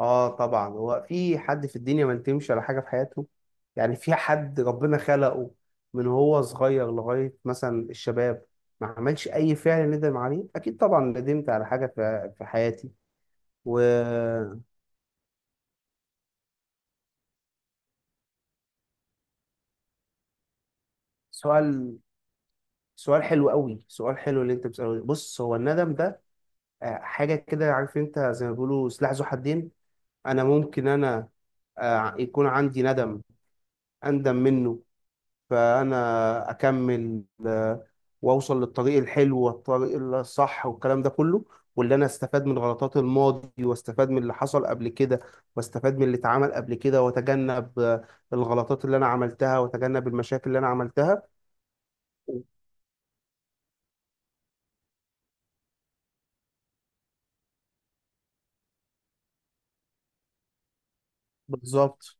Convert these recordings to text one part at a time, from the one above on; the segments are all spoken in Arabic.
اه، طبعا. هو في حد في الدنيا ما ندمش على حاجه في حياته؟ يعني في حد ربنا خلقه من هو صغير لغايه مثلا الشباب ما عملش اي فعل ندم عليه؟ اكيد طبعا ندمت على حاجه في حياتي وسؤال. سؤال حلو قوي، سؤال حلو اللي انت بتساله ده. بص، هو الندم ده حاجه كده، عارف انت زي ما بيقولوا سلاح ذو حدين. انا ممكن يكون عندي ندم، اندم منه، فانا اكمل واوصل للطريق الحلو والطريق الصح والكلام ده كله، واللي انا استفاد من غلطات الماضي، واستفاد من اللي حصل قبل كده، واستفاد من اللي اتعمل قبل كده، واتجنب الغلطات اللي انا عملتها، واتجنب المشاكل اللي انا عملتها. بالظبط.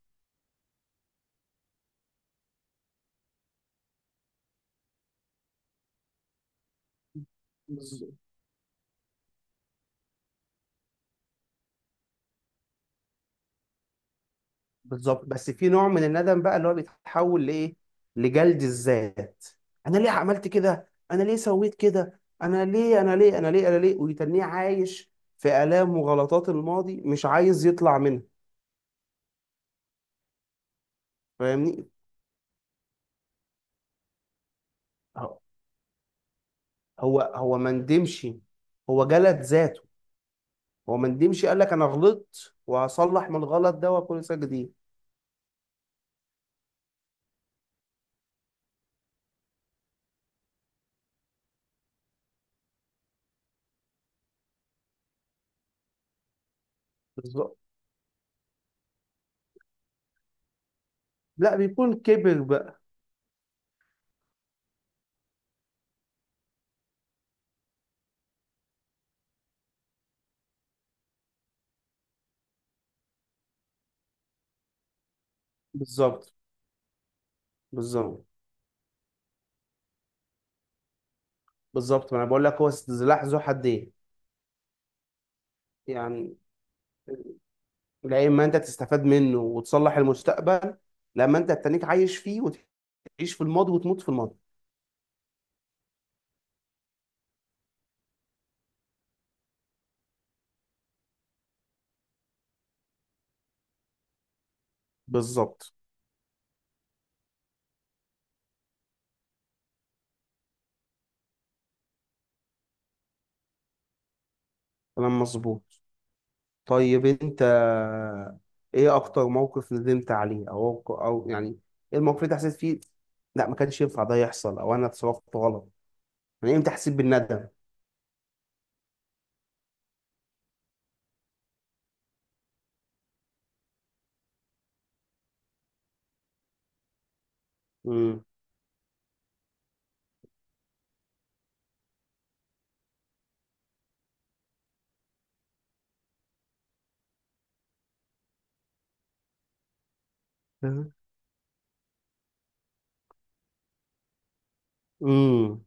بالظبط، بس في نوع من الندم بقى اللي هو بيتحول لايه؟ لجلد الذات. انا ليه عملت كده، انا ليه سويت كده، انا ليه، ويتنيه عايش في الام وغلطات الماضي مش عايز يطلع منها. فاهمني؟ هو هو هو ما ندمش، هو جلد ذاته. هو ما ندمش قال لك انا غلطت وهصلح من الغلط ده واكون انسان جديد. بالظبط. لا، بيكون كبر بقى. بالظبط. بالظبط. بالظبط، ما انا بقول لك هو سلاح ذو حدين. يعني العلم ما انت تستفاد منه وتصلح المستقبل، لما انت تتنيك عايش فيه، وتعيش في الماضي، وتموت في الماضي. بالظبط. كلام مظبوط. طيب انت ايه اكتر موقف ندمت عليه، او او يعني ايه الموقف اللي انت حسيت فيه لا، ما كانش ينفع ده يحصل، او انا اتصرفت غلط؟ يعني امتى حسيت بالندم؟ امم. فاهم؟ امم.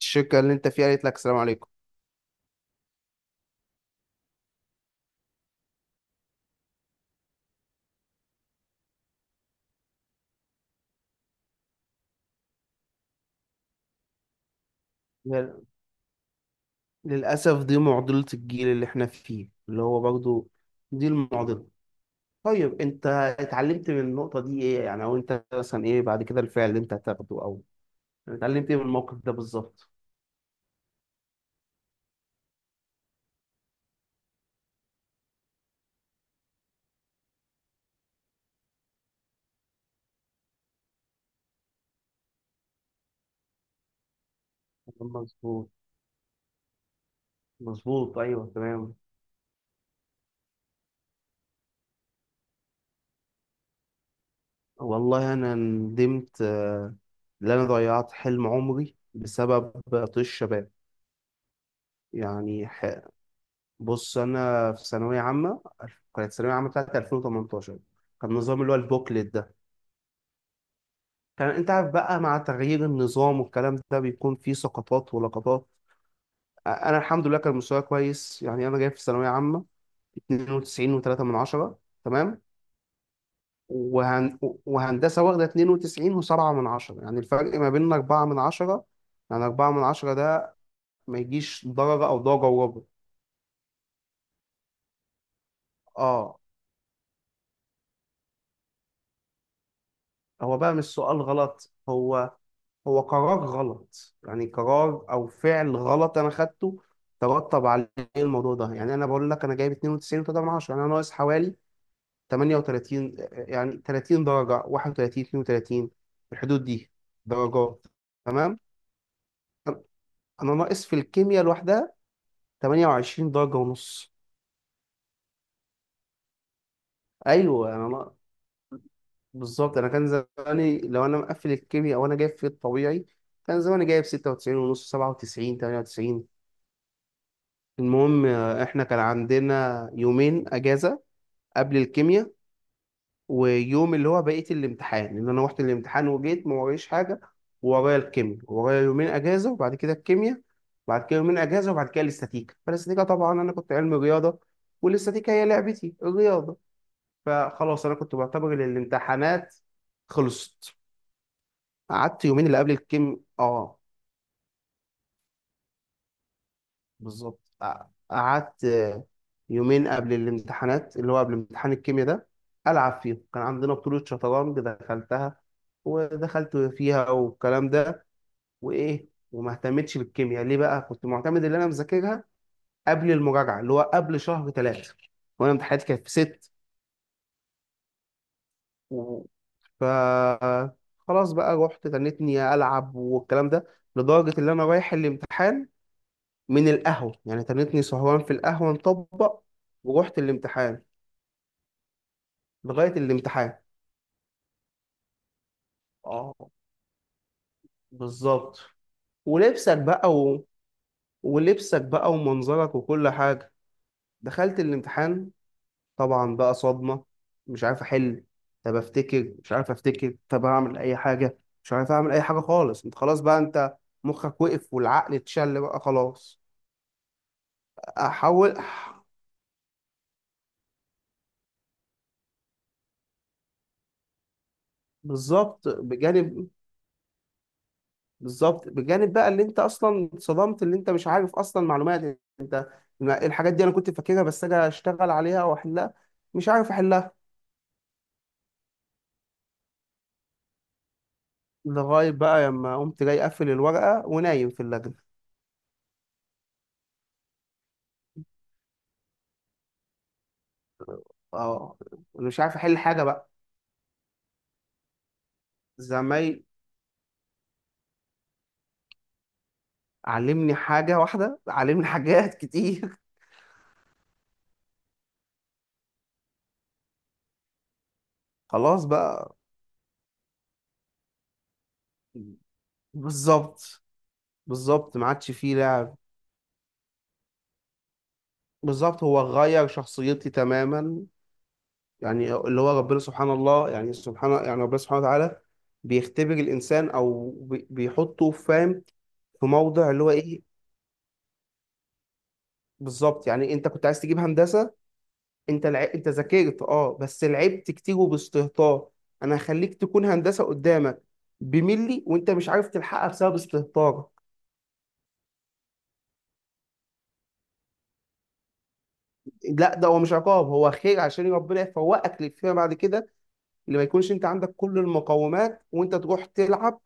الشركة اللي انت فيها قالت لك السلام عليكم. لل- للأسف دي معضلة الجيل اللي احنا فيه، اللي هو برضو دي المعضلة. طيب انت اتعلمت من النقطة دي ايه يعني، او انت مثلا ايه بعد كده الفعل اللي انت هتاخده، او اتعلمت ايه من الموقف ده بالظبط؟ مظبوط. مظبوط، ايوه تمام. والله انا ندمت ان انا ضيعت حلم عمري بسبب طيش الشباب. يعني بص، انا في ثانوية عامة. كانت الثانوية عامة بتاعتي 2018. كان النظام اللي هو البوكلت ده. كان انت عارف بقى مع تغيير النظام والكلام ده بيكون فيه سقطات ولقطات. انا الحمد لله كان مستواي كويس، يعني انا جايب في الثانويه عامه 92 و3 من 10، تمام؟ وهن... وهندسه واخده 92 و7 من 10، يعني الفرق ما بيننا 4 من 10. يعني 4 من 10 ده ما يجيش درجه او درجه وربع. اه. هو بقى مش سؤال غلط، هو هو قرار غلط. يعني قرار او فعل غلط انا خدته، ترتب عليه الموضوع ده. يعني انا بقول لك انا جايب 92 و3 من 10، يعني انا ناقص حوالي 38. يعني 30 درجة، 31، 32، في الحدود دي درجات. تمام. أنا ناقص في الكيمياء لوحدها 28 درجة ونص. أيوه أنا ناقص. بالظبط، أنا كان زماني لو أنا مقفل الكيمياء وأنا جايب في الطبيعي كان زماني جايب 96 ونص، 97، 98. المهم، إحنا كان عندنا يومين أجازة قبل الكيمياء. ويوم اللي هو بقيه الامتحان، ان انا رحت الامتحان وجيت ما ورايش حاجه. ورايا الكيمياء، ورايا يومين اجازه وبعد كده الكيمياء، بعد كده يومين اجازه وبعد كده الاستاتيكا. فالاستاتيكا طبعا انا كنت علمي رياضه، والاستاتيكا هي لعبتي الرياضه. فخلاص انا كنت بعتبر ان الامتحانات خلصت. قعدت يومين اللي قبل الكيم. اه، بالظبط. قعدت يومين قبل الامتحانات، اللي هو قبل امتحان الكيمياء ده، ألعب فيه. كان عندنا بطولة شطرنج دخلتها، ودخلت فيها والكلام ده. وإيه، وما اهتمتش بالكيمياء ليه بقى؟ كنت معتمد إن أنا مذاكرها قبل المراجعة، اللي هو قبل شهر ثلاثة، وأنا امتحاناتي كانت في ست. و... ف خلاص بقى رحت تنتني ألعب والكلام ده، لدرجة إن أنا رايح الامتحان من القهوة، يعني تنتني سهران في القهوة نطبق، ورحت الامتحان لغاية الامتحان. اه، بالظبط. ولبسك بقى و... ولبسك بقى، ومنظرك، وكل حاجة. دخلت الامتحان، طبعا بقى صدمة. مش عارف أحل، طب أفتكر مش عارف أفتكر، طب أعمل أي حاجة مش عارف أعمل أي حاجة خالص. أنت خلاص بقى، أنت مخك وقف والعقل اتشل بقى خلاص. أحاول. بالظبط. بجانب بقى اللي انت اصلا اتصدمت، اللي انت مش عارف اصلا معلومات. انت إيه الحاجات دي؟ انا كنت فاكرها، بس اجي اشتغل عليها واحلها مش عارف احلها. لغايه بقى لما قمت جاي اقفل الورقه ونايم في اللجنه. اه. أنا مش عارف احل حاجه بقى. زمايل. علمني حاجه واحده؟ علمني حاجات كتير. خلاص بقى. بالظبط. بالظبط، ما عادش فيه لعب. بالظبط، هو غير شخصيتي تماما. يعني اللي هو ربنا سبحان الله، يعني سبحان، يعني ربنا سبحانه وتعالى بيختبر الإنسان، أو بيحطه، فاهم، في موضع اللي هو إيه. بالظبط. يعني أنت كنت عايز تجيب هندسة، أنت أنت ذاكرت أه، بس لعبت كتير وباستهتار. أنا هخليك تكون هندسة قدامك بملي، وأنت مش عارف تلحقها بسبب استهتارك. لا، ده هو مش عقاب، هو خير عشان ربنا يفوقك فيما بعد كده. اللي ما يكونش انت عندك كل المقومات وانت تروح تلعب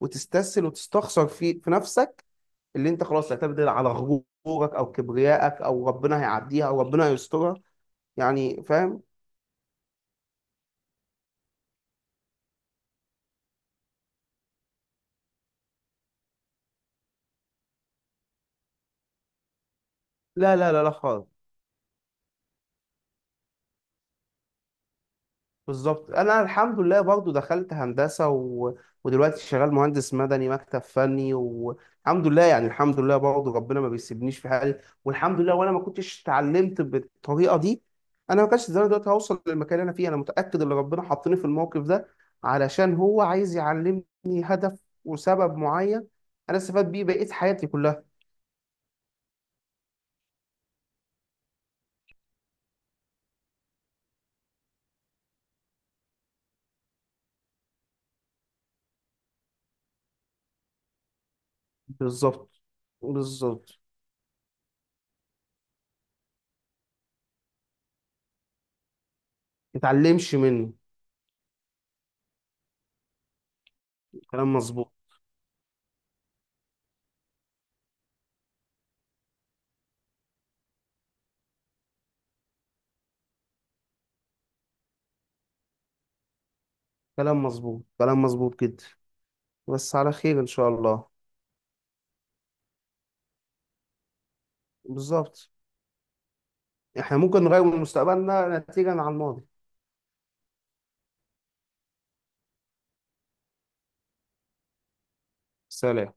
وتستسهل وتستخسر في نفسك، اللي انت خلاص تعتمد على غرورك او كبريائك او ربنا هيعديها او ربنا هيسترها، يعني فاهم. لا خالص. بالظبط، انا الحمد لله برضو دخلت هندسه ودلوقتي شغال مهندس مدني مكتب فني والحمد لله. يعني الحمد لله برضو، ربنا ما بيسيبنيش في حالي، والحمد لله. وانا ما كنتش اتعلمت بالطريقه دي، انا ما كانش زمان دلوقتي هوصل للمكان اللي انا فيه. انا متاكد ان ربنا حطني في الموقف ده علشان هو عايز يعلمني هدف وسبب معين، انا استفاد بيه بقيت حياتي كلها. بالظبط. بالظبط. متعلمش منه. كلام مظبوط. كلام مظبوط جدا. بس على خير إن شاء الله. بالظبط. احنا ممكن نغير من مستقبلنا نتيجة عن الماضي. سلام.